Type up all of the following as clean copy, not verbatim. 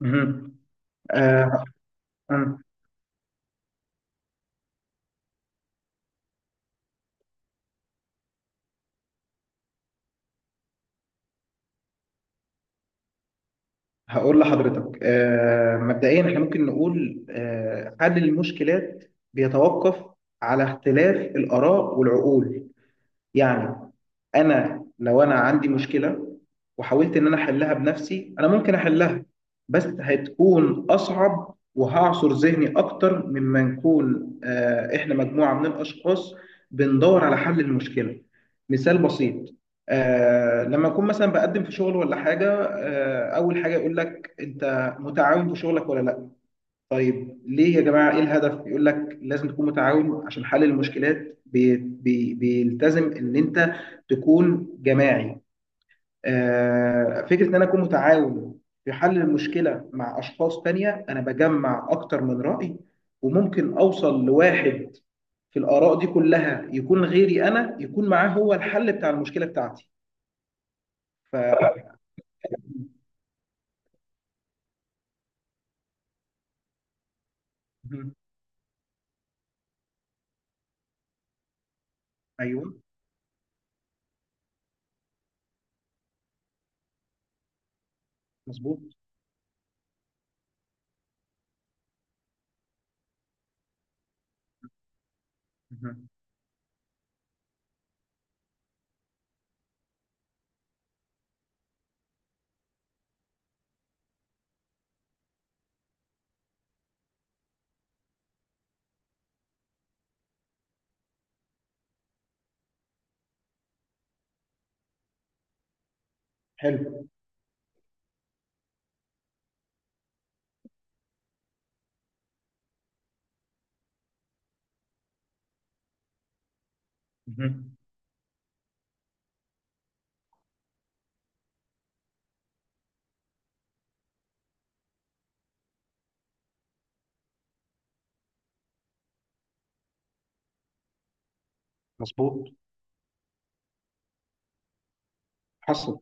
مهم. آه أنا هقول لحضرتك مبدئيا احنا ممكن نقول حل المشكلات بيتوقف على اختلاف الآراء والعقول، يعني انا لو عندي مشكله وحاولت ان انا احلها بنفسي، انا ممكن احلها بس هتكون اصعب وهعصر ذهني اكتر مما نكون، احنا مجموعه من الاشخاص بندور على حل المشكله. مثال بسيط، لما اكون مثلا بقدم في شغل ولا حاجه، اول حاجه يقول لك انت متعاون في شغلك ولا لا. طيب ليه يا جماعة، إيه الهدف؟ يقول لك لازم تكون متعاون عشان حل المشكلات بي بي بيلتزم إن أنت تكون جماعي. آه، فكرة إن أنا أكون متعاون في حل المشكلة مع أشخاص تانية، أنا بجمع أكتر من رأي وممكن أوصل لواحد في الآراء دي كلها يكون غيري أنا يكون معاه هو الحل بتاع المشكلة بتاعتي. ف مهم. أيوه. مظبوط. مهم. حلو. مهم. مظبوط. حصل.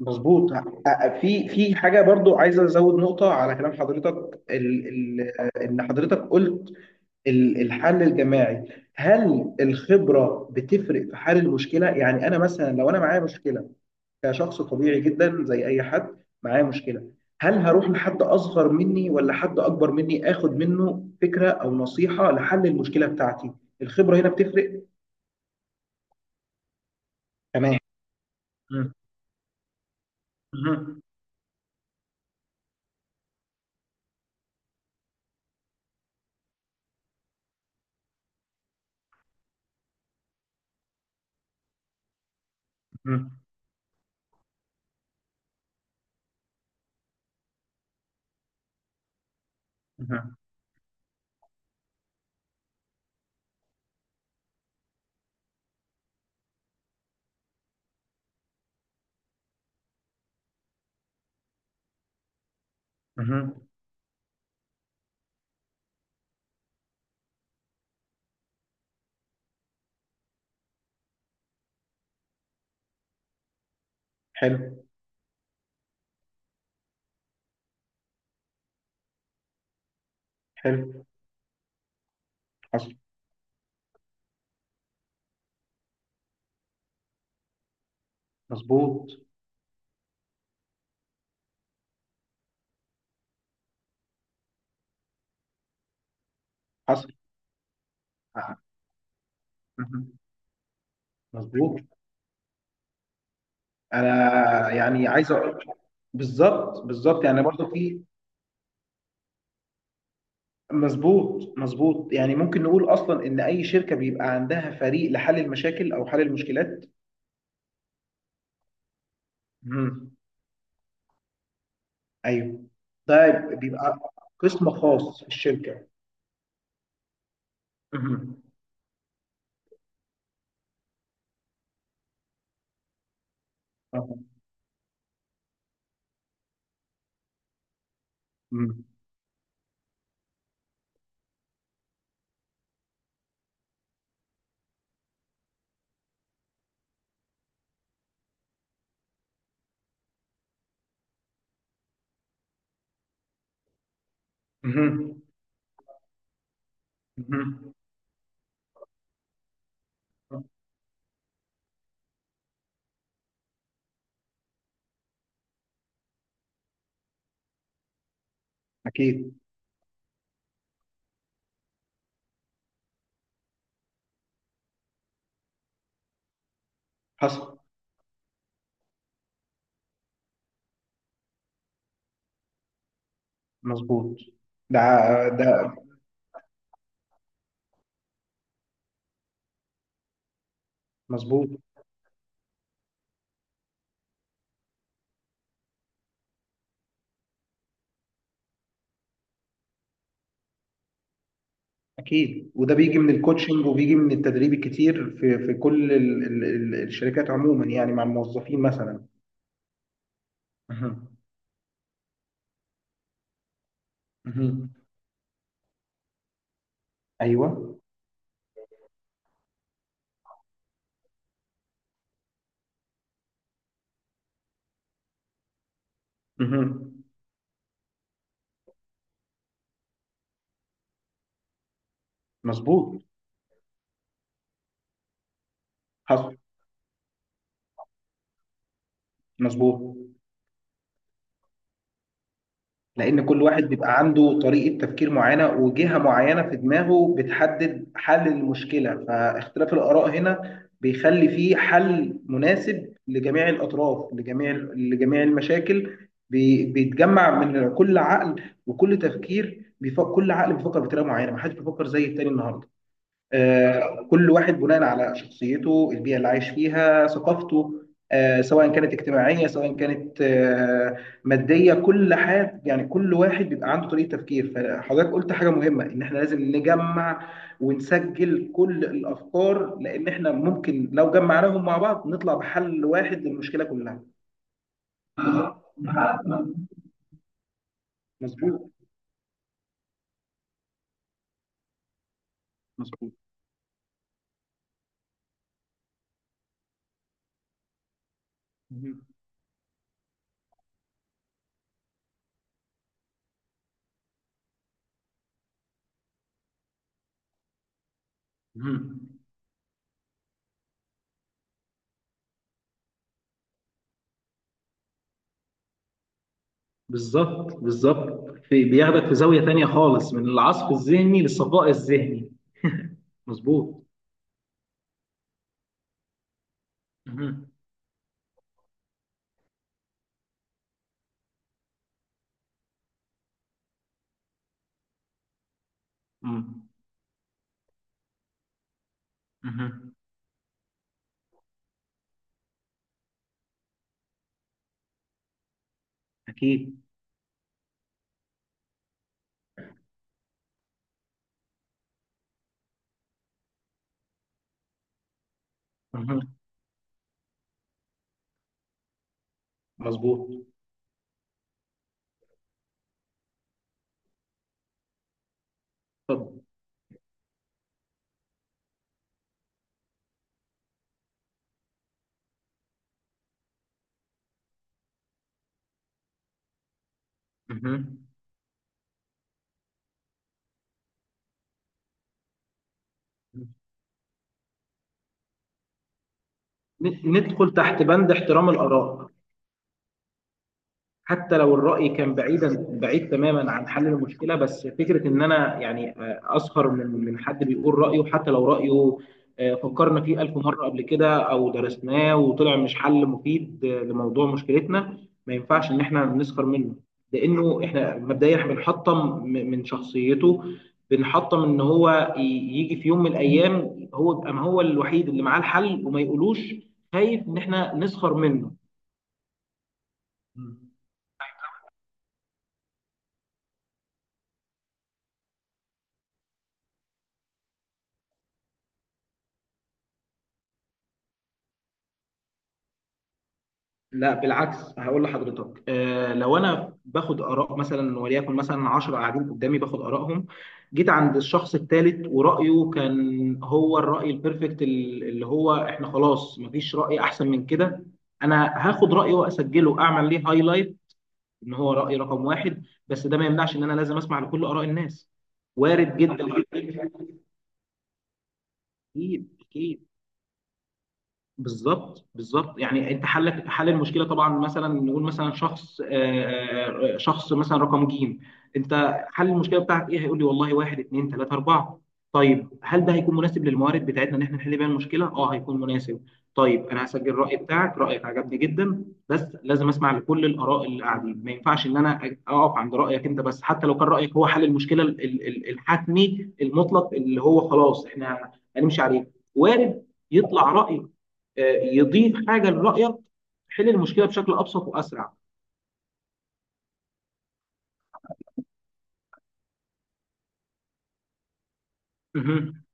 مظبوط. في حاجه برضو عايز ازود نقطه على كلام حضرتك، ال ال ان حضرتك قلت الحل الجماعي. هل الخبره بتفرق في حل المشكله؟ يعني انا مثلا لو انا معايا مشكله كشخص طبيعي جدا زي اي حد، معايا مشكله، هل هروح لحد اصغر مني ولا حد اكبر مني اخد منه فكره او نصيحه لحل المشكله بتاعتي؟ الخبره هنا بتفرق. تمام. مهم. مهم. مهم. مهم. حلو. حلو. حصل. مظبوط. حصل. آه. مهم. مظبوط. انا يعني عايز اقول بالظبط بالظبط، يعني برضو في، مظبوط مظبوط، يعني ممكن نقول اصلا ان اي شركه بيبقى عندها فريق لحل المشاكل او حل المشكلات. مم. ايوه، ده بيبقى قسم خاص في الشركه. مم. آه. مم. مم. مم. اكيد. حصل. مظبوط. ده ده. مظبوط. اكيد، وده بيجي من الكوتشنج وبيجي من التدريب الكتير في في كل ال ال ال الشركات عموما، يعني مع الموظفين مثلا. مهم. مهم. ايوه. مهم. مظبوط. حصل. مظبوط. لان كل واحد بيبقى عنده طريقة تفكير معينة، وجهة معينة في دماغه بتحدد حل المشكلة، فاختلاف الآراء هنا بيخلي فيه حل مناسب لجميع الأطراف، لجميع المشاكل. بيتجمع من كل عقل وكل تفكير، بيفكر كل عقل بيفكر بطريقة معينة، محدش بيفكر زي التاني النهاردة. كل واحد بناء على شخصيته، البيئة اللي عايش فيها، ثقافته، سواء كانت اجتماعية سواء كانت مادية، كل حد، يعني كل واحد بيبقى عنده طريقة تفكير. فحضرتك قلت حاجة مهمة، إن إحنا لازم نجمع ونسجل كل الأفكار، لأن إحنا ممكن لو جمعناهم مع بعض نطلع بحل واحد للمشكلة كلها. مظبوط مظبوط. مهم. مهم. بالظبط بالظبط، في بياخدك في زاوية تانية خالص، من العصف الذهني للصفاء الذهني. مظبوط. مهم. مم. مهم. أكيد. مهم. مظبوط. اتفضل. مهم. ندخل تحت بند احترام الآراء، حتى لو الرأي كان بعيدا، بعيد تماما عن حل المشكلة. بس فكرة ان انا يعني اسخر من حد بيقول رأيه، حتى لو رأيه فكرنا فيه ألف مرة قبل كده او درسناه وطلع مش حل مفيد لموضوع مشكلتنا، ما ينفعش ان احنا نسخر منه، لانه احنا مبدئيا إحنا بنحطم من شخصيته، بنحطم ان هو يجي في يوم من الايام هو يبقى ما هو الوحيد اللي معاه الحل وما يقولوش، خايف ان احنا نسخر منه. لا بالعكس، هقول لحضرتك لو انا باخد اراء مثلا، وليكن مثلا 10 قاعدين قدامي، باخد ارائهم، جيت عند الشخص الثالث ورايه كان هو الراي البرفكت اللي هو احنا خلاص مفيش راي احسن من كده، انا هاخد رايه واسجله، اعمل ليه هايلايت، ان هو راي رقم واحد، بس ده ما يمنعش ان انا لازم اسمع لكل اراء الناس. وارد جدا. اكيد اكيد. بالظبط بالظبط، يعني انت حلك حل المشكله، طبعا مثلا نقول مثلا شخص شخص مثلا رقم جيم، انت حل المشكله بتاعك ايه؟ هيقول لي والله واحد اتنين تلاته اربعه. طيب هل ده هيكون مناسب للموارد بتاعتنا ان احنا نحل بيها المشكله؟ اه هيكون مناسب. طيب انا هسجل الراي بتاعك، رايك عجبني جدا، بس لازم اسمع لكل الاراء اللي قاعدين، ما ينفعش ان انا اقف عند رايك انت بس، حتى لو كان رايك هو حل المشكله الحتمي المطلق اللي هو خلاص احنا هنمشي عليه. وارد يطلع رأي يضيف حاجه لرايك، تحل المشكله بشكل ابسط واسرع. مهم.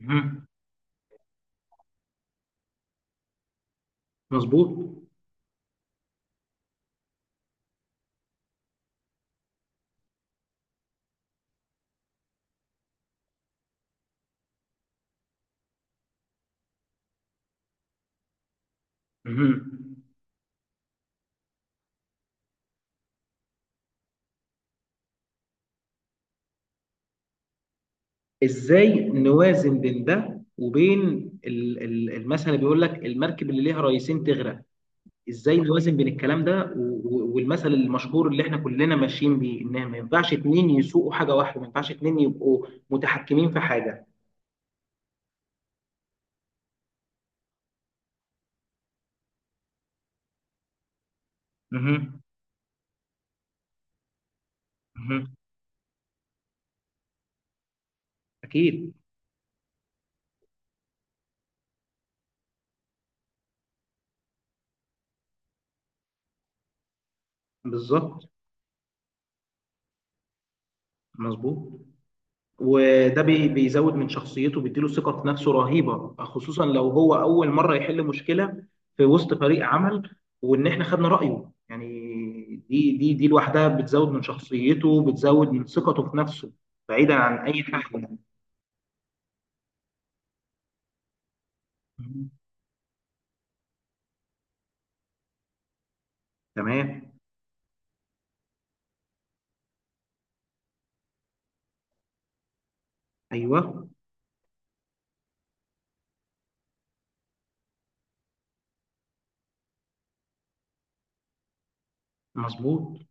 مهم. مظبوط. مهم. ازاي نوازن بين ده وبين المثل اللي بيقول لك المركب اللي ليها رئيسين تغرق؟ ازاي نوازن بين الكلام ده والمثل المشهور اللي احنا كلنا ماشيين بيه، ان ما ينفعش اتنين يسوقوا حاجه واحده، ما ينفعش اتنين يبقوا متحكمين في حاجه. مهم. مهم. اكيد. بالظبط. مظبوط. وده بيزود من شخصيته، بيديله ثقة في نفسه رهيبة، خصوصا لو هو أول مرة يحل مشكلة في وسط فريق عمل، وإن إحنا خدنا رأيه يعني، دي لوحدها بتزود من شخصيته، بتزود من ثقته في نفسه، بعيدا عن أي حاجة. تمام. أيوه. مظبوط.